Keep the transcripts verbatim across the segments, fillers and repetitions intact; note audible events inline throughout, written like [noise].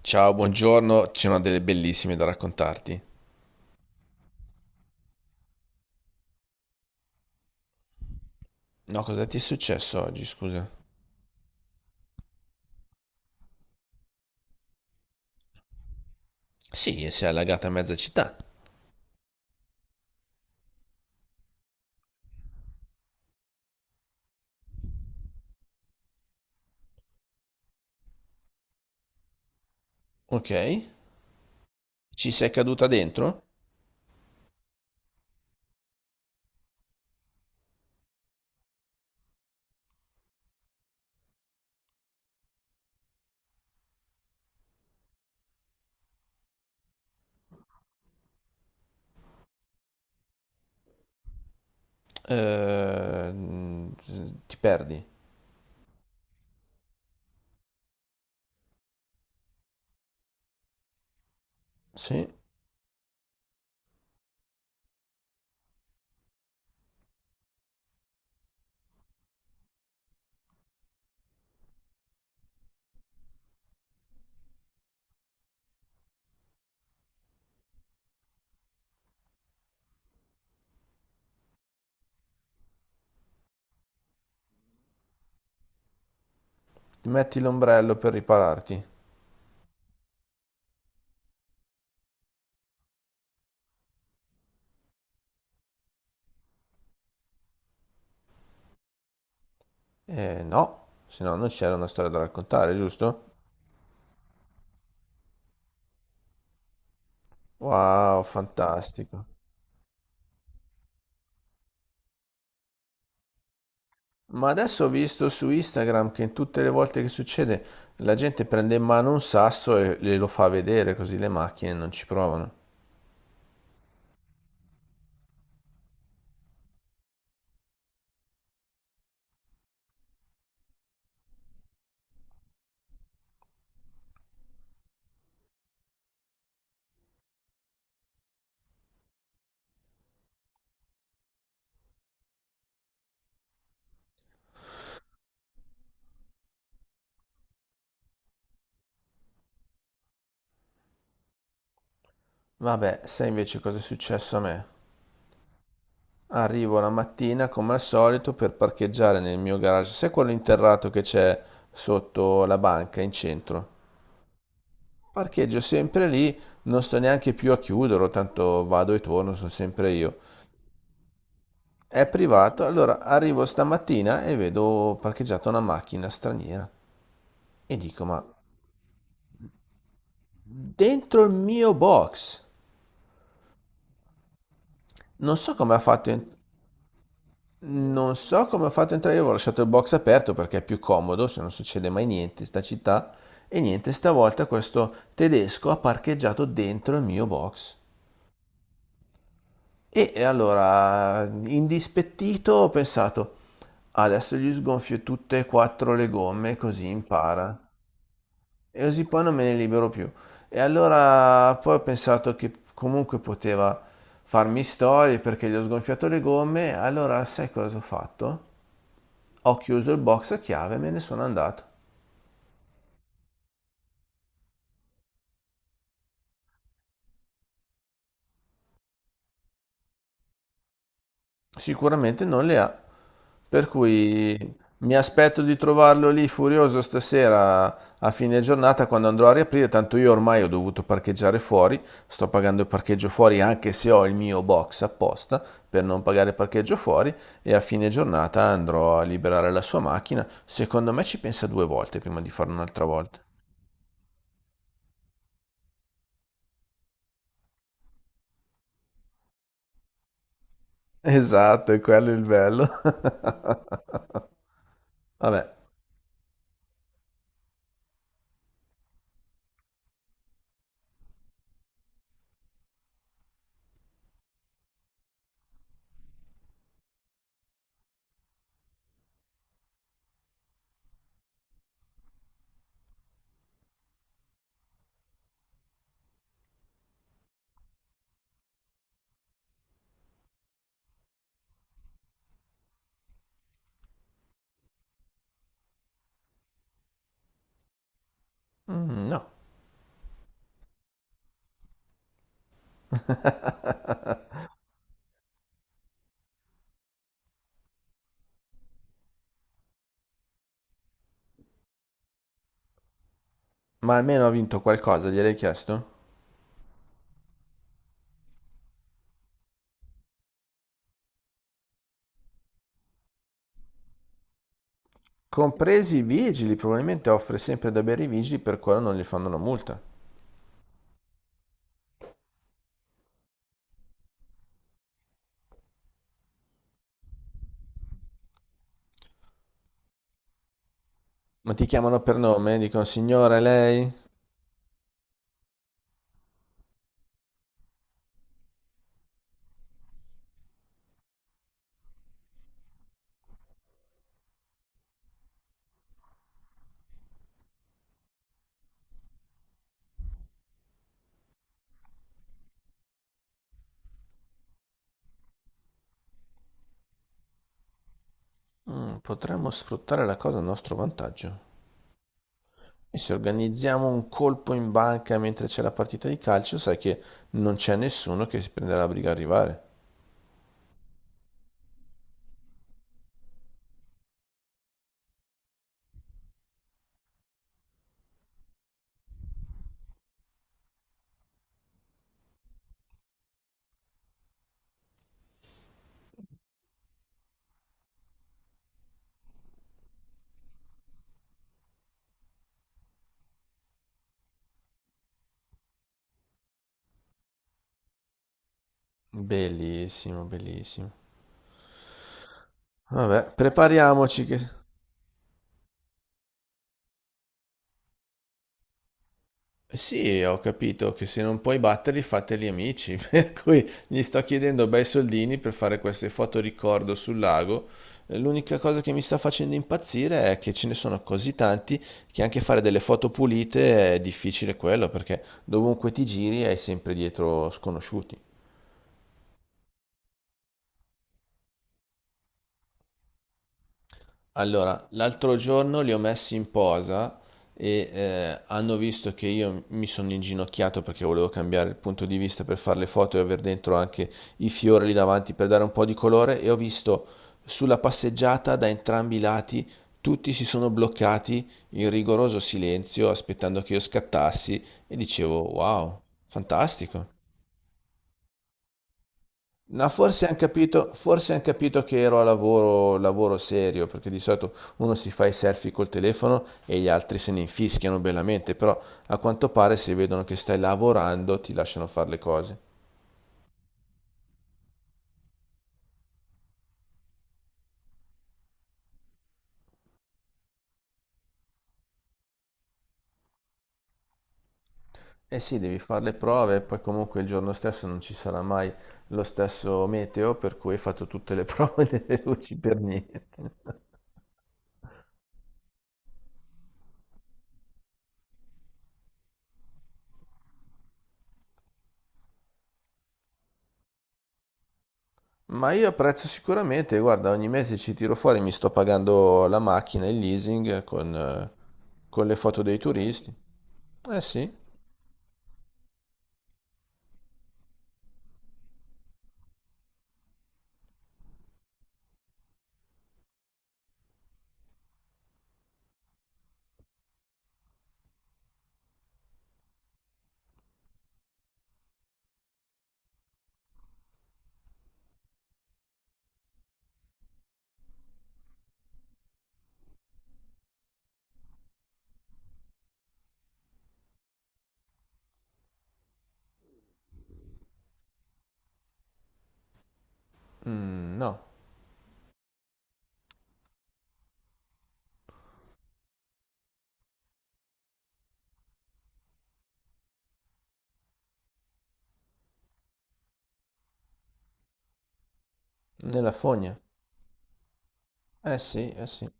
Ciao, buongiorno, c'è una delle bellissime da raccontarti. No, cosa ti è successo oggi, scusa? Sì, si è allagata mezza città. Ok. Ci sei caduta dentro? Ehm, ti perdi? Sì. Metti l'ombrello per ripararti. Eh, no, se no non c'era una storia da raccontare, giusto? Wow, fantastico. Ma adesso ho visto su Instagram che in tutte le volte che succede la gente prende in mano un sasso e glielo fa vedere così le macchine non ci provano. Vabbè, sai invece cosa è successo a me? Arrivo la mattina come al solito per parcheggiare nel mio garage, sai quello interrato che c'è sotto la banca in centro? Parcheggio sempre lì, non sto neanche più a chiuderlo, tanto vado e torno, sono sempre io. È privato, allora arrivo stamattina e vedo parcheggiata una macchina straniera e dico, ma dentro il mio box? Non so come ha fatto a non so come ho fatto a entrare, io avevo lasciato il box aperto perché è più comodo, se non succede mai niente in sta città. E niente, stavolta questo tedesco ha parcheggiato dentro il mio box. E e allora, indispettito, ho pensato, adesso gli sgonfio tutte e quattro le gomme così impara. E così poi non me ne libero più. E allora poi ho pensato che comunque poteva farmi storie perché gli ho sgonfiato le gomme. Allora, sai cosa ho fatto? Ho chiuso il box a chiave e me ne sono andato. Sicuramente non le ha. Per cui mi aspetto di trovarlo lì furioso stasera a fine giornata quando andrò a riaprire. Tanto io ormai ho dovuto parcheggiare fuori. Sto pagando il parcheggio fuori anche se ho il mio box apposta per non pagare il parcheggio fuori. E a fine giornata andrò a liberare la sua macchina. Secondo me ci pensa due volte prima di farlo un'altra volta. [laughs] Esatto, è quello è il bello. [laughs] Vabbè. Mm, no. Ma almeno ha vinto qualcosa, gliel'hai chiesto? Compresi i vigili, probabilmente offre sempre da bere i vigili, per quello non gli fanno una multa. Ma ti chiamano per nome? Dicono signore, lei? Mm, potremmo sfruttare la cosa a nostro vantaggio. E se organizziamo un colpo in banca mentre c'è la partita di calcio, sai che non c'è nessuno che si prende la briga a arrivare. Bellissimo, bellissimo. Vabbè, prepariamoci che... Sì, ho capito che se non puoi batterli, fateli amici. [laughs] Per cui gli sto chiedendo bei soldini per fare queste foto ricordo sul lago. L'unica cosa che mi sta facendo impazzire è che ce ne sono così tanti che anche fare delle foto pulite è difficile quello, perché dovunque ti giri hai sempre dietro sconosciuti. Allora, l'altro giorno li ho messi in posa e eh, hanno visto che io mi sono inginocchiato perché volevo cambiare il punto di vista per fare le foto e aver dentro anche i fiori lì davanti per dare un po' di colore e ho visto sulla passeggiata da entrambi i lati tutti si sono bloccati in rigoroso silenzio aspettando che io scattassi e dicevo wow, fantastico. No, forse hanno capito, forse han capito che ero a lavoro, lavoro serio, perché di solito uno si fa i selfie col telefono e gli altri se ne infischiano bellamente, però a quanto pare se vedono che stai lavorando ti lasciano fare le cose. Eh sì, devi fare le prove, poi comunque il giorno stesso non ci sarà mai lo stesso meteo, per cui hai fatto tutte le prove [laughs] delle luci per niente. Ma io apprezzo sicuramente, guarda, ogni mese ci tiro fuori, mi sto pagando la macchina, il leasing con, eh, con le foto dei turisti. Eh sì. Mm, no, nella fogna. Eh sì, eh sì.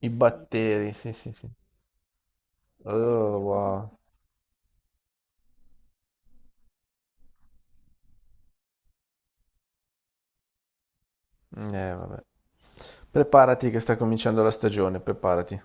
I batteri, sì, sì, sì. Oh, wow. Eh, vabbè. Preparati che sta cominciando la stagione, preparati.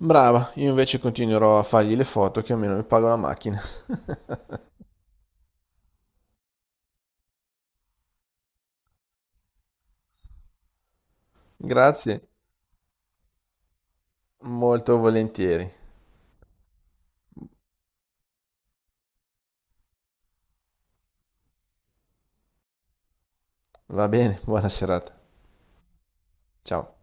Brava, io invece continuerò a fargli le foto che almeno mi pago la macchina. [laughs] Grazie, molto volentieri. Va bene, buona serata. Ciao.